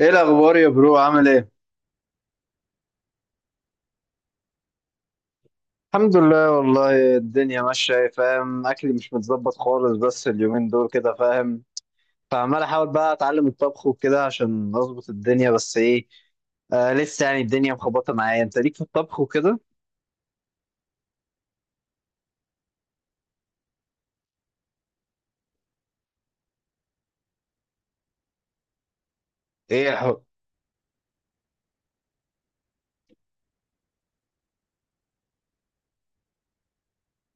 ايه الاخبار يا برو؟ عامل ايه؟ الحمد لله والله، الدنيا ماشيه. إيه، فاهم، اكلي مش متظبط خالص بس اليومين دول كده، فاهم. فعمال احاول بقى اتعلم الطبخ وكده عشان اظبط الدنيا، بس ايه، آه لسه يعني الدنيا مخبطه معايا. انت ليك في الطبخ وكده؟ ايه حق.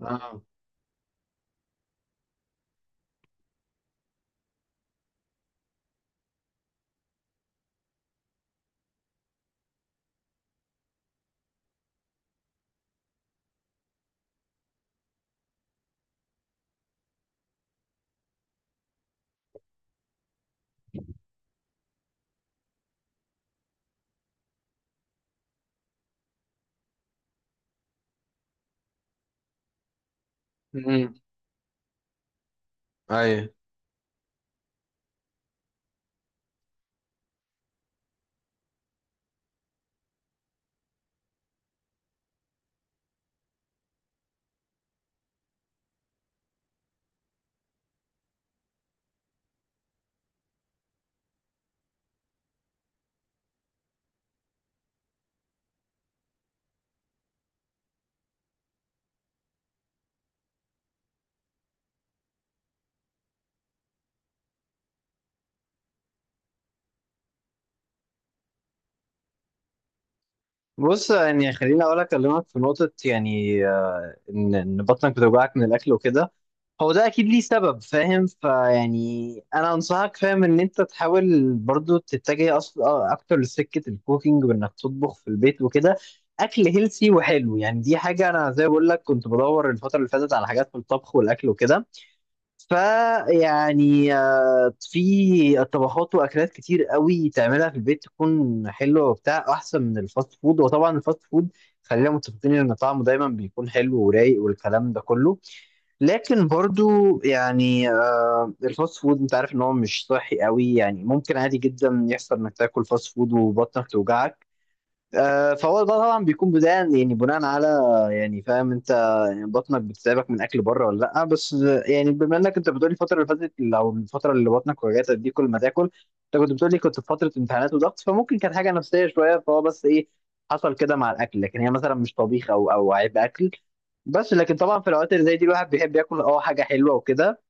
اه. امم. ايوه. بص يعني خليني اقول اكلمك في نقطه، يعني ان بطنك بتوجعك من الاكل وكده، هو ده اكيد ليه سبب، فاهم. فيعني انا انصحك، فاهم، ان انت تحاول برضو تتجه اصلا اكتر لسكه الكوكينج، وانك تطبخ في البيت وكده. اكل هيلسي وحلو، يعني دي حاجه انا زي ما بقول لك كنت بدور الفتره اللي فاتت على حاجات في الطبخ والاكل وكده. فيعني في طبخات واكلات كتير قوي تعملها في البيت تكون حلوه وبتاع، احسن من الفاست فود. وطبعا الفاست فود خلينا متفقين ان طعمه دايما بيكون حلو ورايق والكلام ده كله، لكن برضو يعني الفاست فود انت عارف ان هو مش صحي قوي، يعني ممكن عادي جدا يحصل انك تاكل فاست فود وبطنك توجعك. فهو ده طبعا بيكون بداية، يعني بناء على، يعني فاهم انت. يعني بطنك بتتعبك من اكل بره ولا لا؟ بس يعني بما انك انت بتقولي الفترة اللي فاتت، او الفترة اللي بطنك وجعتك دي كل ما تاكل، انت كنت بتقولي كنت في فترة امتحانات وضغط، فممكن كانت حاجة نفسية شوية، فهو بس ايه، حصل كده مع الاكل، لكن هي مثلا مش طبيخ او عيب اكل. بس لكن طبعا في الاوقات اللي زي دي الواحد بيحب ياكل اه حاجة حلوة وكده.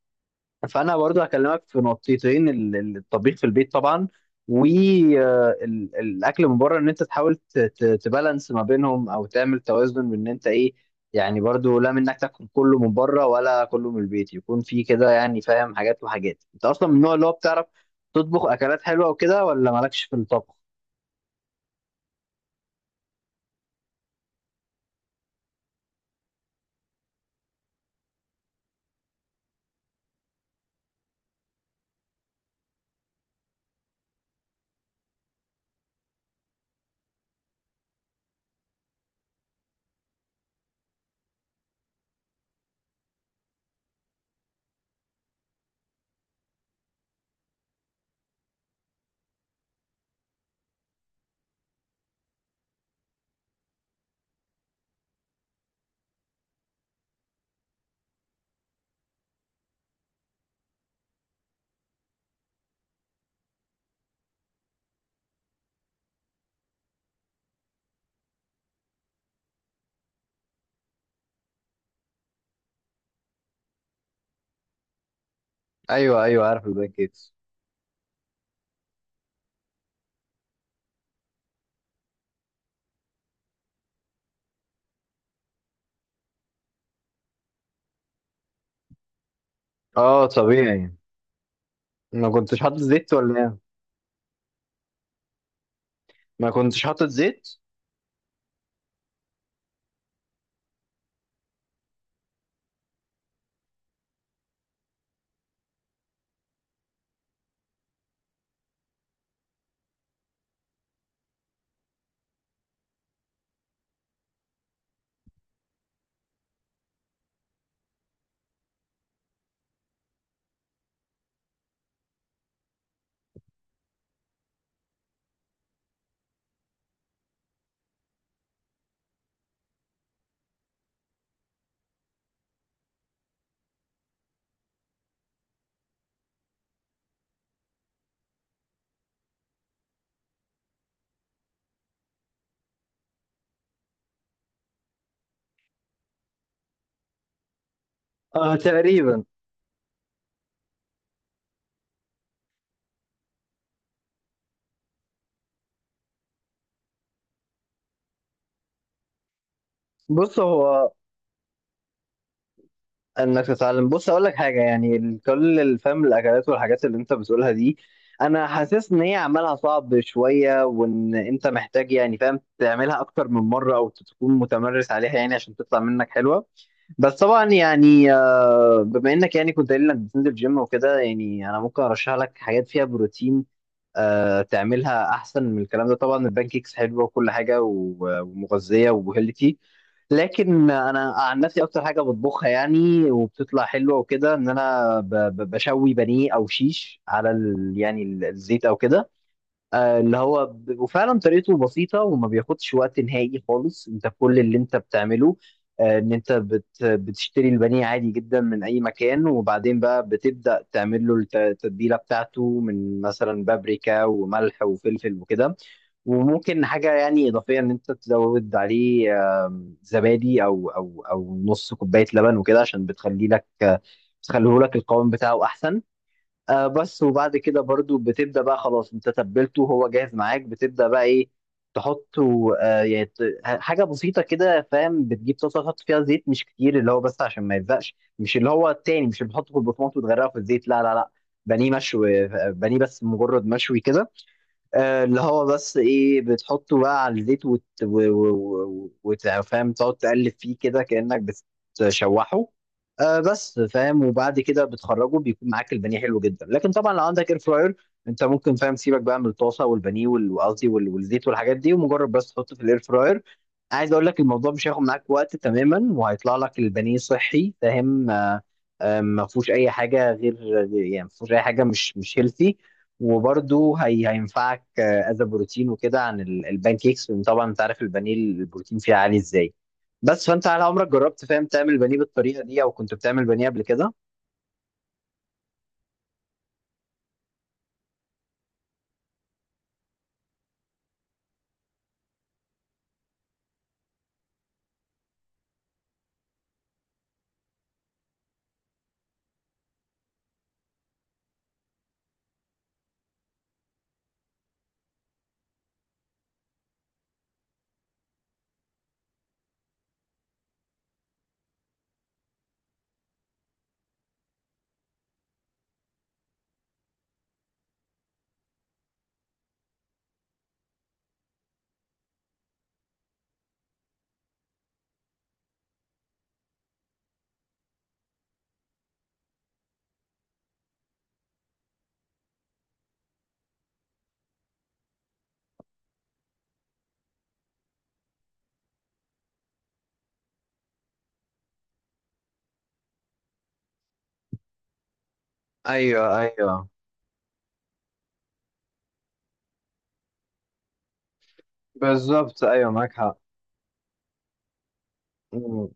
فانا برضو هكلمك في نقطتين، الطبيخ في البيت طبعا، والاكل من بره، ان انت تحاول تبالانس ما بينهم، او تعمل توازن بان انت ايه، يعني برضو لا منك تاكل كله من بره ولا كله من البيت، يكون في كده يعني، فاهم، حاجات وحاجات. انت اصلا من النوع اللي هو بتعرف تطبخ اكلات حلوه وكده، ولا مالكش في الطبخ؟ ايوه، ايوه، عارف البانكيكس. اه طبيعي. ما كنتش حاطط زيت ولا ايه؟ ما كنتش حاطط زيت. آه تقريبا. بص هو، انك تتعلم، بص اقول لك حاجه، يعني كل الفهم الاكلات والحاجات اللي انت بتقولها دي، انا حاسس ان هي عملها صعب شويه، وان انت محتاج يعني فاهم تعملها اكتر من مره، او تكون متمرس عليها يعني، عشان تطلع منك حلوه. بس طبعا يعني بما انك يعني كنت قايل انك بتنزل جيم وكده، يعني انا ممكن ارشح لك حاجات فيها بروتين، تعملها احسن من الكلام ده. طبعا البانكيكس حلوه وكل حاجه ومغذيه وهيلثي، لكن انا عن نفسي اكتر حاجه بطبخها يعني، وبتطلع حلوه وكده، ان انا بشوي بانيه او شيش على ال يعني الزيت او كده. اللي هو وفعلا طريقته بسيطة، وما بياخدش وقت نهائي خالص. انت كل اللي انت بتعمله ان انت بتشتري البانيه عادي جدا من اي مكان، وبعدين بقى بتبدأ تعمل له التتبيلة بتاعته من مثلا بابريكا وملح وفلفل وكده. وممكن حاجة يعني إضافية ان انت تزود عليه، زبادي او نص كوباية لبن وكده، عشان بتخلي لك بتخليه لك القوام بتاعه احسن. آه بس. وبعد كده برضو بتبدأ بقى، خلاص انت تبلته هو جاهز معاك، بتبدأ بقى ايه، تحطه آه يعني حاجة بسيطة كده، فاهم، بتجيب طاسة تحط فيها زيت مش كتير، اللي هو بس عشان ما يلزقش، مش اللي هو التاني، مش اللي بتحطه في البطماط وتغرقه في الزيت، لا لا لا. بانيه مشوي، آه، بانيه بس مجرد مشوي كده. اللي هو بس ايه، بتحطه بقى على الزيت وت... و... و... و... وت- فاهم تقعد تقلب فيه كده كأنك بتشوحه. آه بس، فاهم. وبعد كده بتخرجه بيكون معاك البانيه حلو جدا. لكن طبعا لو عندك اير فراير، انت ممكن فاهم سيبك بقى من الطاسه والبانيه وقصدي والزيت والحاجات دي، ومجرد بس تحطه في الاير فراير. عايز اقول لك الموضوع مش هياخد معاك وقت تماما، وهيطلع لك البانيه صحي، فاهم. ما فيهوش اي حاجه غير، يعني ما فيهوش اي حاجه مش هيلثي. وبرده هي هينفعك از بروتين وكده عن البان كيكس، لان طبعا انت عارف البانيه البروتين فيه عالي ازاي. بس فانت على عمرك جربت فاهم تعمل بانيه بالطريقه دي، او كنت بتعمل بانيه قبل كده؟ ايوه ايوه. بالظبط، ايوه معاك حق. مم.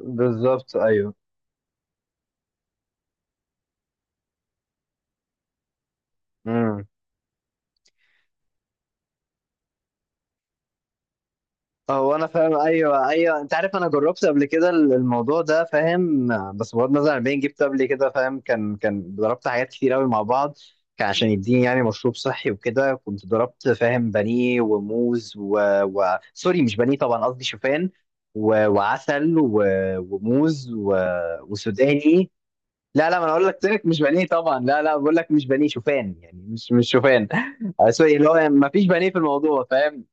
بالظبط ايوه. هو انا فاهم، ايوه ايوه، انت عارف انا جربت قبل كده الموضوع ده، فاهم، بس بغض النظر عن البين جبت قبل كده، فاهم، كان ضربت حاجات كتير قوي مع بعض، كان عشان يديني يعني مشروب صحي وكده. كنت ضربت، فاهم، بانيه وموز و... و... سوري مش بانيه طبعا، قصدي شوفان، و... وعسل و... وموز و... وسوداني. لا لا، ما انا اقول لك ترك، مش بانيه طبعا، لا لا، بقول لك مش بانيه، شوفان يعني، مش شوفان سوري، اللي هو يعني ما فيش بانيه في الموضوع، فاهم.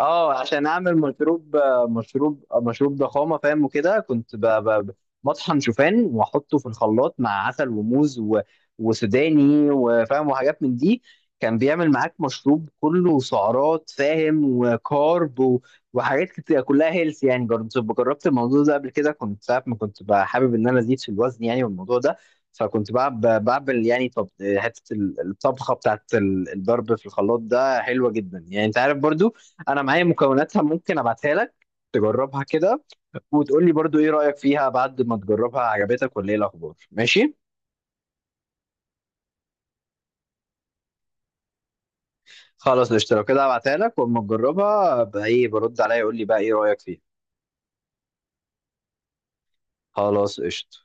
اه، عشان اعمل مشروب، مشروب، مشروب ضخامه، فاهم، وكده. كنت بطحن شوفان واحطه في الخلاط مع عسل وموز و... وسوداني وفاهم وحاجات من دي. كان بيعمل معاك مشروب كله سعرات، فاهم، وكارب و... وحاجات كتير كلها هيلث يعني. جربت، جربت الموضوع ده قبل كده، كنت ساعة ما كنت بقى حابب ان انا ازيد في الوزن يعني، والموضوع ده. فكنت بعمل يعني طب حته، الطبخه بتاعت الضرب في الخلاط ده حلوه جدا يعني، انت عارف برضو، انا معايا مكوناتها، ممكن ابعتها لك تجربها كده، وتقول لي برضو ايه رأيك فيها بعد ما تجربها، عجبتك ولا ايه الاخبار؟ ماشي. خلاص قشطة، لو كده هبعتها لك، واما تجربها بقى ايه برد عليا يقول لي بقى ايه رأيك فيها. خلاص قشطة.